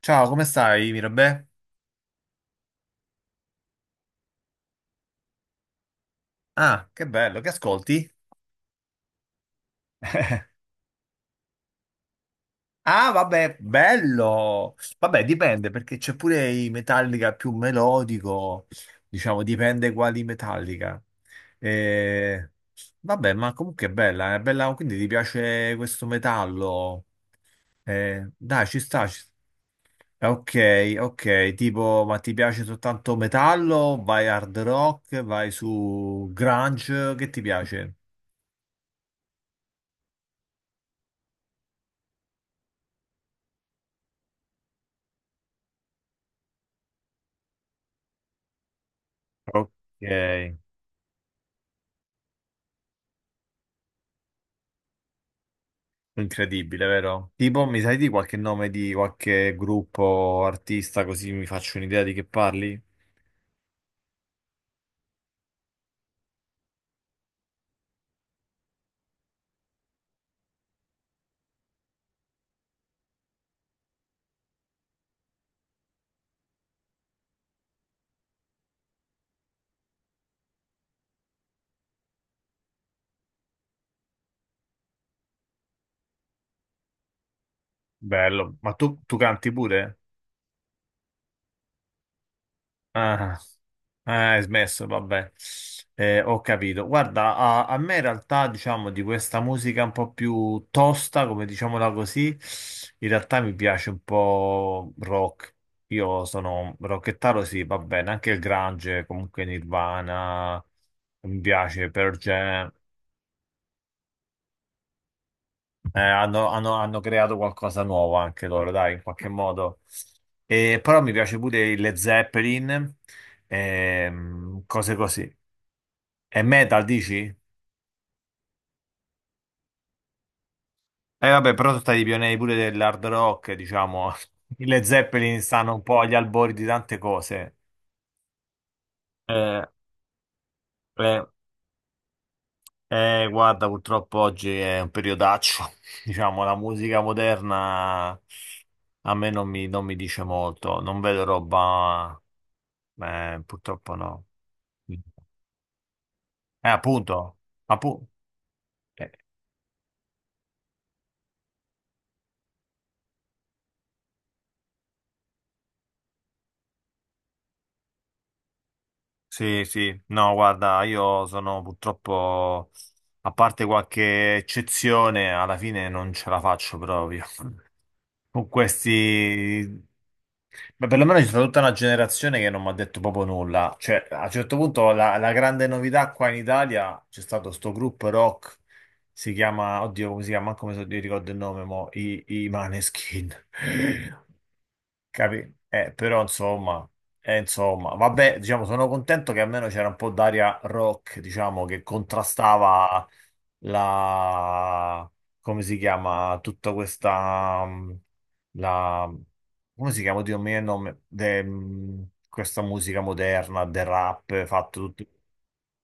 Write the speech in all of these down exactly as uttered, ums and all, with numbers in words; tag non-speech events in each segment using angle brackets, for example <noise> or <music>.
Ciao, come stai, Mirabè? Ah, che bello, che ascolti? Ah, vabbè, bello! Vabbè, dipende, perché c'è pure i Metallica più melodico, diciamo, dipende quali Metallica. Eh, Vabbè, ma comunque è bella, è bella, quindi ti piace questo metallo? Eh, dai, ci sta, ci sta. Eh, Ok, ok, tipo, ma ti piace soltanto metallo? Vai hard rock, vai su grunge, che ti piace? Ok. Incredibile, vero? Tipo, mi sai di qualche nome di qualche gruppo, artista, così mi faccio un'idea di che parli? Bello. Ma tu, tu canti pure? Ah, ah, hai smesso, vabbè. Eh, ho capito. Guarda, a, a me in realtà, diciamo, di questa musica un po' più tosta, come diciamola così, in realtà mi piace un po' rock. Io sono rockettaro, sì, va bene, anche il grunge, comunque Nirvana, mi piace Pearl Jam. Eh, hanno, hanno- hanno creato qualcosa nuovo anche loro, dai, in qualche modo. E, però mi piace pure il Led Zeppelin, ehm, cose così. È metal, dici? Eh vabbè, però sono stati pionieri pure dell'hard rock, diciamo. <laughs> I Led Zeppelin stanno un po' agli albori di tante cose. Eh, eh, eh, Guarda, purtroppo oggi è un periodaccio. <laughs> Diciamo, la musica moderna a me non mi, non mi dice molto. Non vedo roba... eh, purtroppo no. Eh, Appunto, appu- eh, sì, sì, no, guarda, io sono purtroppo, a parte qualche eccezione, alla fine non ce la faccio proprio. <laughs> Con questi... Beh, perlomeno c'è stata tutta una generazione che non mi ha detto proprio nulla. Cioè, a un certo punto la, la grande novità qua in Italia c'è stato sto gruppo rock, si chiama, oddio, come si chiama, manco mi so- mi ricordo il nome, mo, i, i Maneskin. <laughs> Capi? Eh, però insomma, eh, insomma, vabbè, diciamo, sono contento che almeno c'era un po' d'aria rock, diciamo, che contrastava la, come si chiama, tutta questa, mm, la, come si chiama, Dio mio, il nome, de- mm, questa musica moderna, del rap, eh, fatto tutto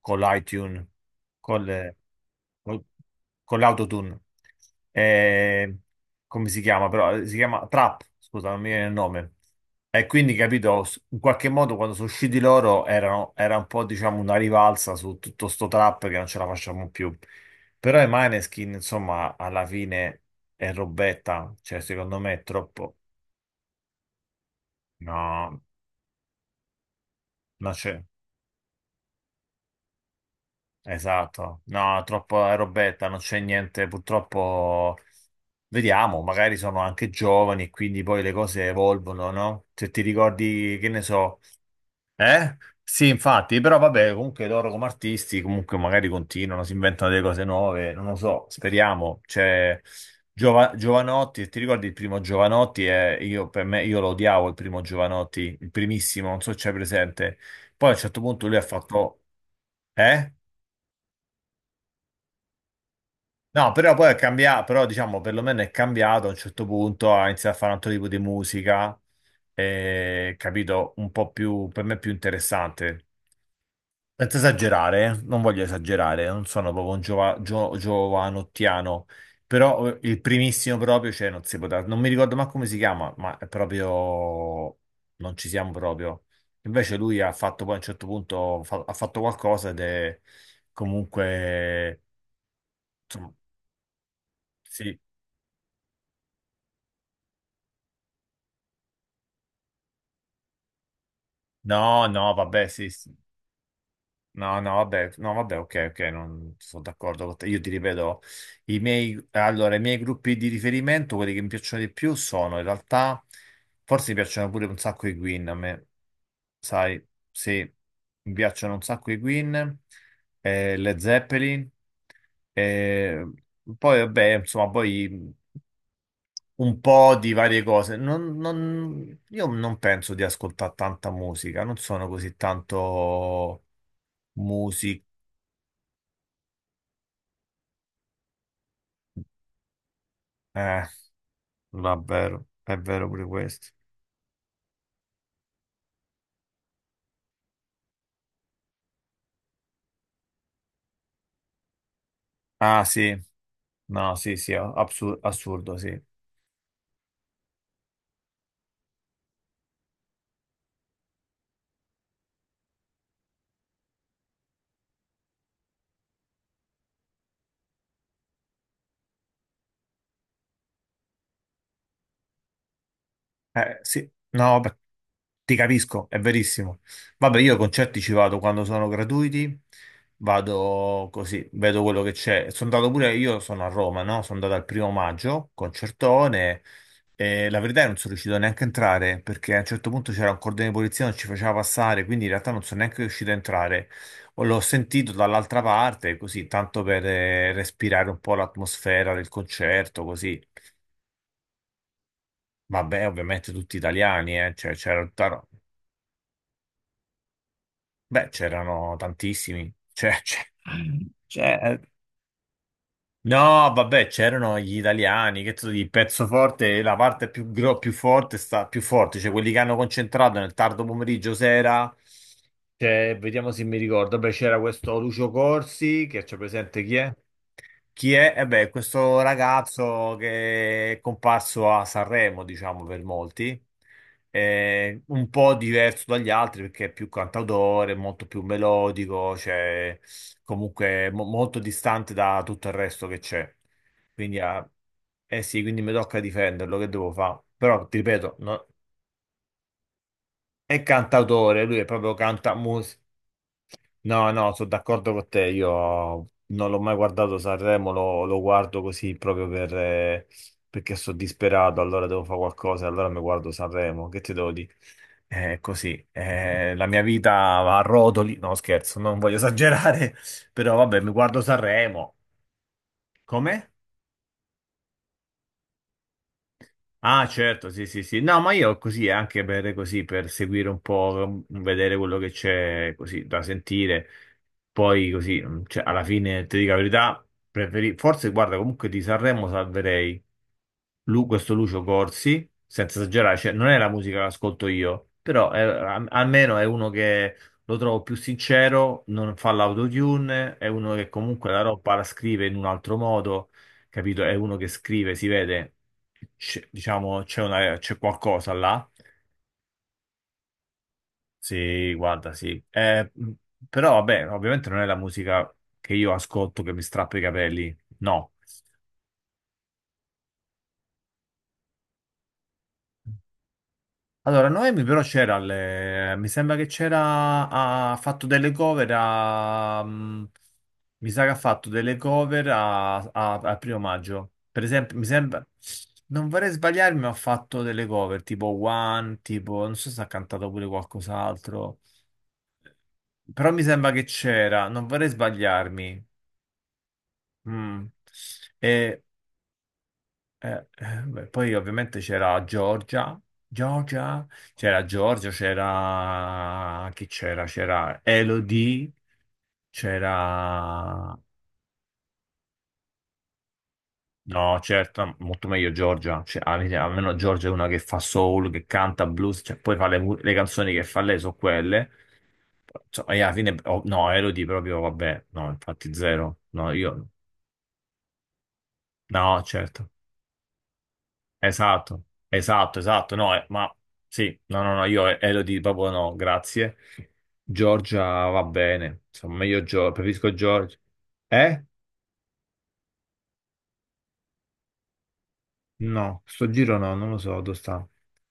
con l'iTunes, con le- col- con l'autotune. Eh, Come si chiama però? Eh, Si chiama Trap, scusa, non mi viene il nome. E quindi capito, s- in qualche modo quando sono usciti loro erano, era un po' diciamo una rivalsa su tutto sto trap che non ce la facciamo più. Però i Maneskin, insomma, alla fine è robetta, cioè secondo me è troppo... No, non c'è... Esatto, no, troppo è robetta, non c'è niente, purtroppo... Vediamo, magari sono anche giovani e quindi poi le cose evolvono, no? Se ti ricordi, che ne so eh? Sì, infatti, però vabbè, comunque loro come artisti comunque magari continuano, si inventano delle cose nuove, non lo so, speriamo. C'è Giova- Giovanotti, ti ricordi il primo Giovanotti? Eh, io, per me, io lo odiavo il primo Giovanotti, il primissimo, non so se c'è presente. Poi a un certo punto lui ha fatto... Eh? No, però poi è cambiato, però diciamo perlomeno è cambiato a un certo punto, ha iniziato a fare un altro tipo di musica, eh, capito, un po' più, per me più interessante. Senza esagerare, eh, non voglio esagerare, non sono proprio un giova- gio- giovanottiano, però eh, il primissimo proprio, cioè non si poteva, non mi ricordo manco come si chiama, ma è proprio, non ci siamo proprio. Invece lui ha fatto poi a un certo punto, fa- ha fatto qualcosa ed è comunque, insomma, sì, no, no, vabbè, sì, sì. No, no, vabbè, no, vabbè, ok, ok, non sono d'accordo con te. Io ti ripeto, i miei, allora, i miei gruppi di riferimento, quelli che mi piacciono di più, sono in realtà, forse mi piacciono pure un sacco i Queen a me, sai, sì, mi piacciono un sacco i Queen, eh, Led Zeppelin, eh, poi vabbè, insomma, poi un po' di varie cose. Non- non- io non penso di ascoltare tanta musica, non sono così tanto music. Eh, Vabbè, è vero pure questo. Ah sì, no, sì, sì, assu- assurdo, sì. Eh, sì, no, beh, ti capisco, è verissimo. Vabbè, io a concerti ci vado quando sono gratuiti, vado così, vedo quello che c'è. Sono andato pure, io sono a Roma, no? Sono andato al primo maggio, concertone, e la verità è che non sono riuscito neanche a entrare, perché a un certo punto c'era un cordone di polizia, non ci faceva passare, quindi in realtà non sono neanche riuscito a entrare. O l'ho sentito dall'altra parte, così, tanto per eh, respirare un po' l'atmosfera del concerto, così. Vabbè, ovviamente tutti italiani, eh, cioè, c'era tutta ro- Beh, c'erano tantissimi. Cioè, <laughs> c'è- c'è- no, vabbè, c'erano gli italiani, che tu dici, il pezzo forte, la parte più, gro- più forte sta più forte, cioè quelli che hanno concentrato nel tardo pomeriggio sera. Cioè, vediamo se mi ricordo. Beh, c'era questo Lucio Corsi, che c'è presente chi è? Chi è? Eh beh, questo ragazzo che è comparso a Sanremo, diciamo per molti, è un po' diverso dagli altri perché è più cantautore, molto più melodico, cioè comunque mo- molto distante da tutto il resto che c'è. Quindi, ah, eh sì, quindi mi tocca difenderlo, che devo fare? Però, ti ripeto, no- è cantautore, lui è proprio canta. No, no, sono d'accordo con te. Io non l'ho mai guardato Sanremo, lo, lo guardo così proprio per, eh, perché sono disperato. Allora devo fare qualcosa, allora mi guardo Sanremo. Che ti devo dire? È così. Eh, la mia vita va a rotoli. No, scherzo, non voglio esagerare, <laughs> però vabbè, mi guardo Sanremo. Come? Ah, certo, sì, sì, sì. No, ma io così, anche per, così, per seguire un po', m, vedere quello che c'è così da sentire. Poi così, m, cioè, alla fine, ti dico la verità, preferi... forse, guarda, comunque di Sanremo salverei Lu- questo Lucio Corsi, senza esagerare, cioè, non è la musica che ascolto io, però è- al- almeno è uno che lo trovo più sincero, non fa l'autotune, è uno che comunque la roba la scrive in un altro modo, capito? È uno che scrive, si vede c'è- diciamo, c'è una- c'è qualcosa là. Sì, guarda, sì. Eh, mh, però vabbè, ovviamente non è la musica che io ascolto che mi strappa i capelli. No. Allora, Noemi però c'era, alle- mi sembra che c'era, ha fatto delle cover a, mh, mi sa che ha fatto delle cover a, a- al primo maggio. Per esempio, mi sembra, non vorrei sbagliarmi, ma ha fatto delle cover tipo One, tipo, non so se ha cantato pure qualcos'altro. Però mi sembra che c'era, non vorrei sbagliarmi. Mm. E, eh, eh, beh, poi ovviamente c'era Giorgia, Giorgia, c'era Giorgia, c'era... chi c'era? C'era Elodie, c'era... No, certo, molto meglio Giorgia. Cioè, al- almeno Giorgia è una che fa soul, che canta blues, cioè, poi fa le, mu- le canzoni che fa lei sono quelle. Insomma, e alla fine, oh, no, Elodie proprio, vabbè, no, infatti zero, no, io, no, certo. Esatto, esatto, esatto, no, eh, ma sì, no, no, no, io e- Elodie proprio no, grazie. Giorgia va bene, insomma, meglio Giorgia, preferisco Giorgia. Eh? No, sto giro no, non lo so dove sta.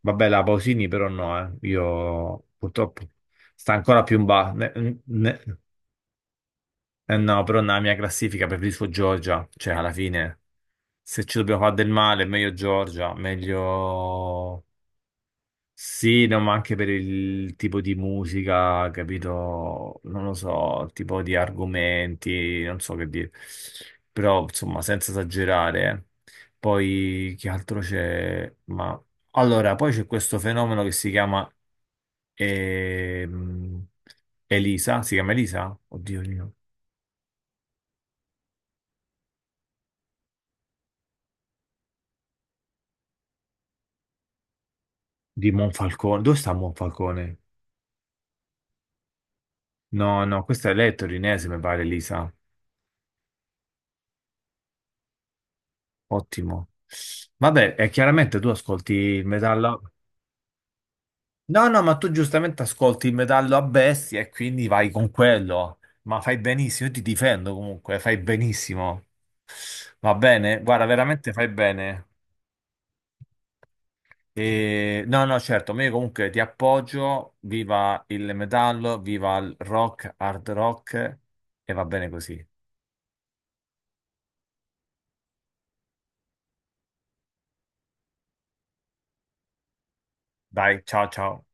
Vabbè, la Pausini però no, eh. Io purtroppo sta ancora più in basso. Ne- ne- Eh no, però nella mia classifica preferisco Giorgia, cioè alla fine se ci dobbiamo fare del male, meglio Giorgia, meglio... Sì, no, ma anche per il tipo di musica, capito? Non lo so, tipo di argomenti, non so che dire. Però, insomma, senza esagerare. Eh. Poi, che altro c'è? Ma... Allora, poi c'è questo fenomeno che si chiama ehm, Elisa, si chiama Elisa? Oddio mio. Di Monfalcone. Dove sta Monfalcone? No, no, questa è lei è torinese, mi pare, Elisa. Ottimo. Vabbè, e chiaramente tu ascolti il metallo. No, no, ma tu giustamente ascolti il metallo a bestia e quindi vai con quello. Ma fai benissimo, io ti difendo comunque, fai benissimo. Va bene? Guarda, veramente fai bene. E- No, no, certo, ma io comunque ti appoggio. Viva il metallo, viva il rock, hard rock e va bene così. Dai, ciao ciao.